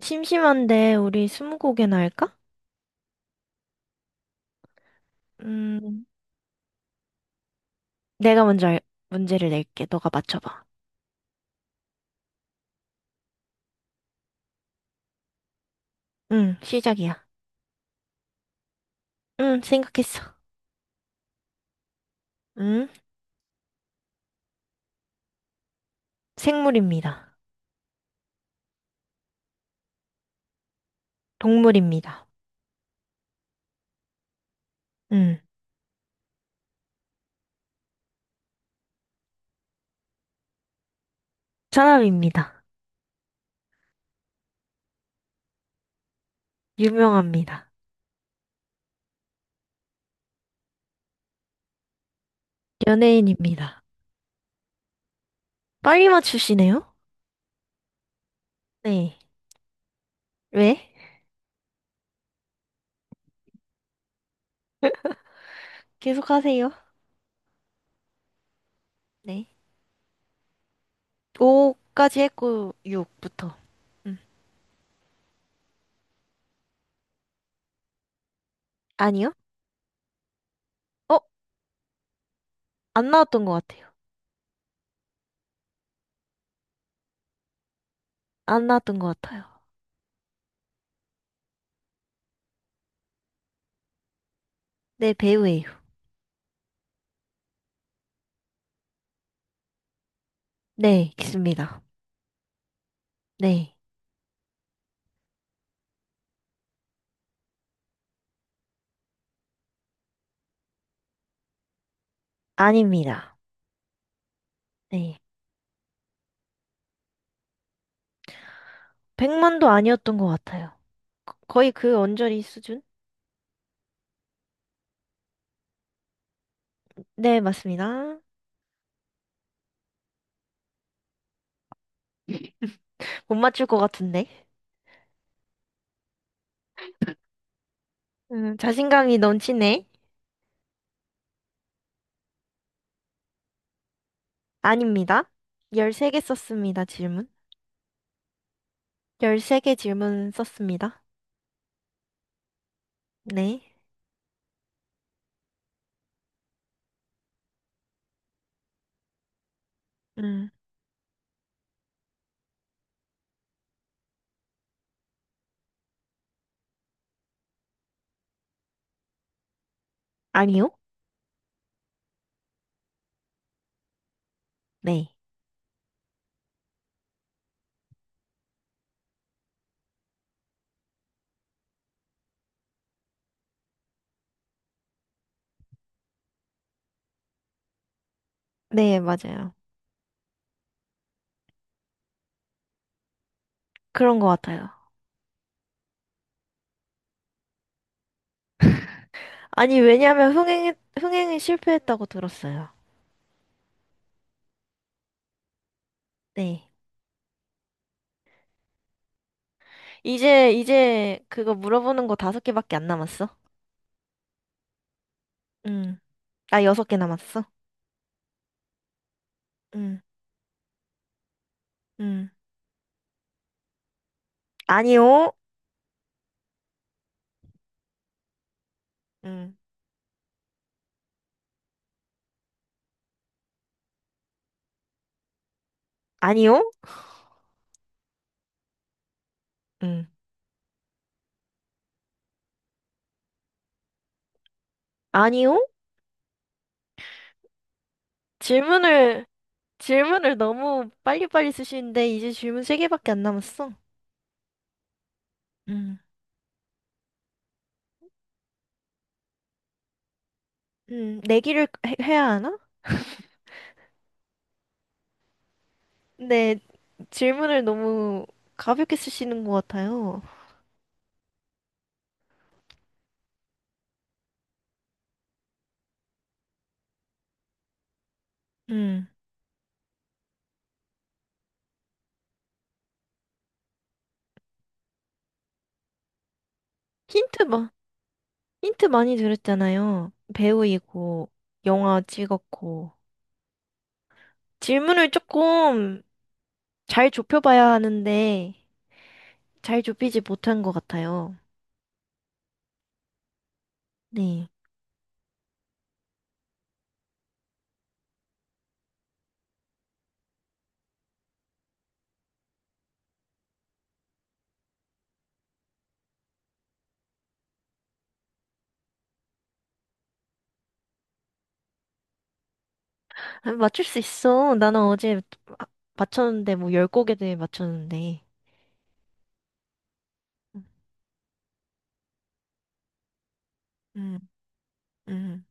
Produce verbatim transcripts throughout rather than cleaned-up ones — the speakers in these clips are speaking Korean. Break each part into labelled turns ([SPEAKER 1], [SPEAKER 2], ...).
[SPEAKER 1] 심심한데 우리 스무고개나 할까? 음, 내가 먼저 알- 문제를 낼게. 너가 맞춰봐. 응, 시작이야. 응, 생각했어. 응, 생물입니다. 동물입니다. 응, 사람입니다. 유명합니다. 연예인입니다. 빨리 맞추시네요? 네. 왜? 계속하세요. 네. 오까지 했고 육부터. 응. 아니요? 어? 안 나왔던 것 같아요. 안 나왔던 것 같아요. 네, 배우예요. 네, 있습니다. 네. 아닙니다. 네. 백만도 아니었던 것 같아요. 거- 거의 그 언저리 수준? 네, 맞습니다. 못 맞출 것 같은데. 음, 자신감이 넘치네. 아닙니다. 열세 개 썼습니다, 질문. 열세 개 질문 썼습니다. 네. 음, 아니요? 네. 네, 맞아요. 그런 것 같아요. 아니, 왜냐면 흥행, 흥행에 실패했다고 들었어요. 네. 이제, 이제 그거 물어보는 거 다섯 개밖에 안 남았어. 음. 나 여섯 개 남았어. 음, 음. 아니요. 음. 아니요? 음. 아니요? 질문을, 질문을 너무 빨리빨리 쓰시는데, 이제 질문 세개밖에안 남았어. 음. 음, 내기를 해, 해야 하나? 근데 질문을 너무 가볍게 쓰시는 것 같아요. 음. 힌트, 마, 힌트 많이 드렸잖아요. 배우이고, 영화 찍었고. 질문을 조금 잘 좁혀봐야 하는데, 잘 좁히지 못한 것 같아요. 네. 아니, 맞출 수 있어. 나는 어제 아, 맞췄는데, 뭐, 열 곡에 대해 맞췄는데. 음, 음.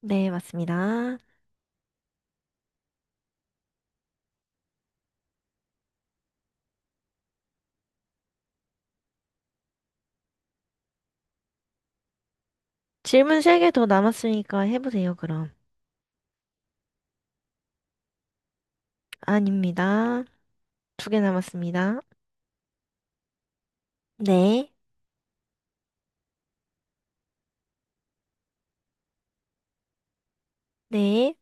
[SPEAKER 1] 네, 맞습니다. 질문 세 개 더 남았으니까 해보세요, 그럼. 아닙니다. 두 개 남았습니다. 네, 네.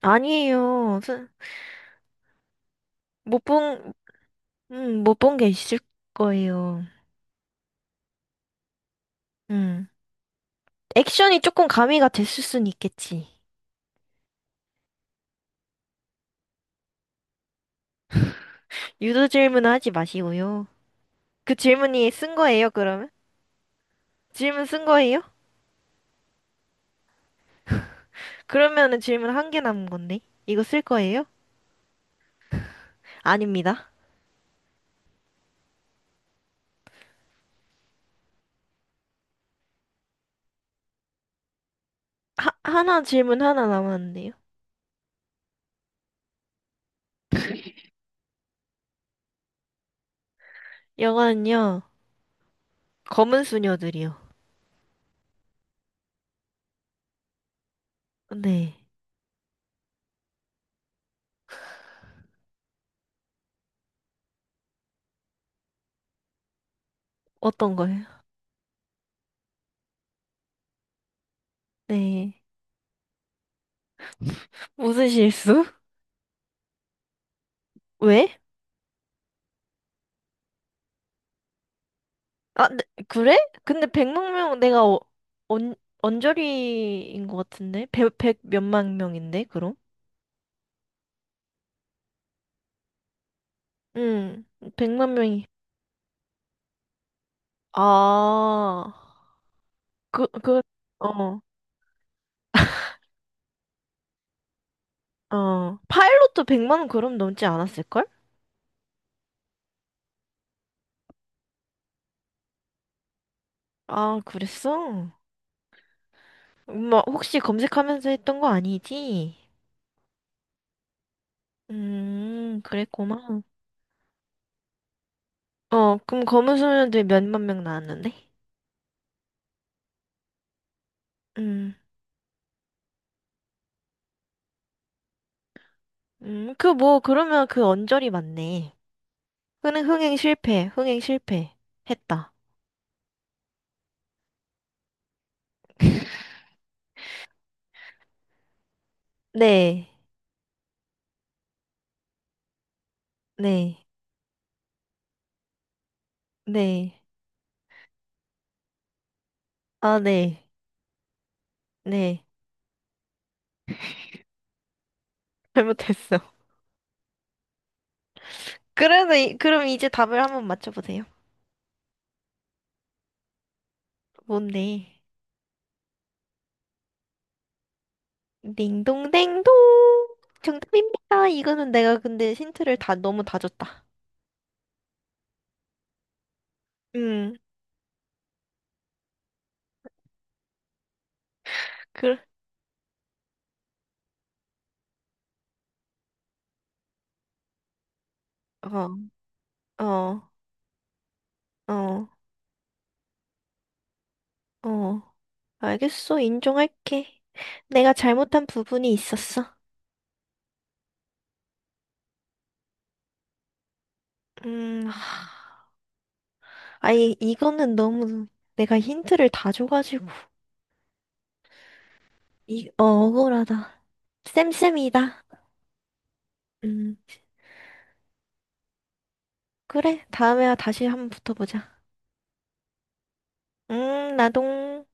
[SPEAKER 1] 아니에요. 스- 못 본, 음, 못 본 게 있을 거예요. 음. 액션이 조금 가미가 됐을 순 있겠지. 유도 질문은 하지 마시고요. 그 질문이 쓴 거예요, 그러면? 질문 쓴 거예요? 그러면은 질문 한 개 남은 건데. 이거 쓸 거예요? 아닙니다. 하, 하나 질문 하나 남았는데요. 영화는요, 검은 수녀들이요. 네. 어떤 거예요? 네. 무슨 실수? 왜? 아, 네, 그래? 근데 백만 명 내가 어, 언, 언저리인 것 같은데? 백, 백 몇만 명인데, 그럼? 응, 백만 명이. 아, 그, 그, 어, 어. 파일럿도 백만 원 그럼 넘지 않았을걸? 아, 그랬어? 엄마 혹시 검색하면서 했던 거 아니지? 음, 그랬구만. 어, 그럼 검은소년들 몇만 명 나왔는데? 음, 음, 그 뭐, 그러면 그 언저리 맞네. 흥행, 흥행 실패, 흥행 실패. 했다. 네, 네, 네. 아, 네, 네. 잘못했어. 그래도, 이- 그럼 이제 답을 한번 맞춰보세요. 뭔데? 딩동댕동! 정답입니다. 이거는 내가 근데 힌트를 다, 너무 다 줬다. 음, 그, 어. 어, 어, 어. 알겠어. 인정할게. 내가 잘못한 부분이 있었어. 음, 하, 아니, 이거는 너무 내가 힌트를 다 줘가지고. 이, 어, 억울하다. 쌤쌤이다. 음, 그래. 다음에 다시 한번 붙어보자. 음, 나동.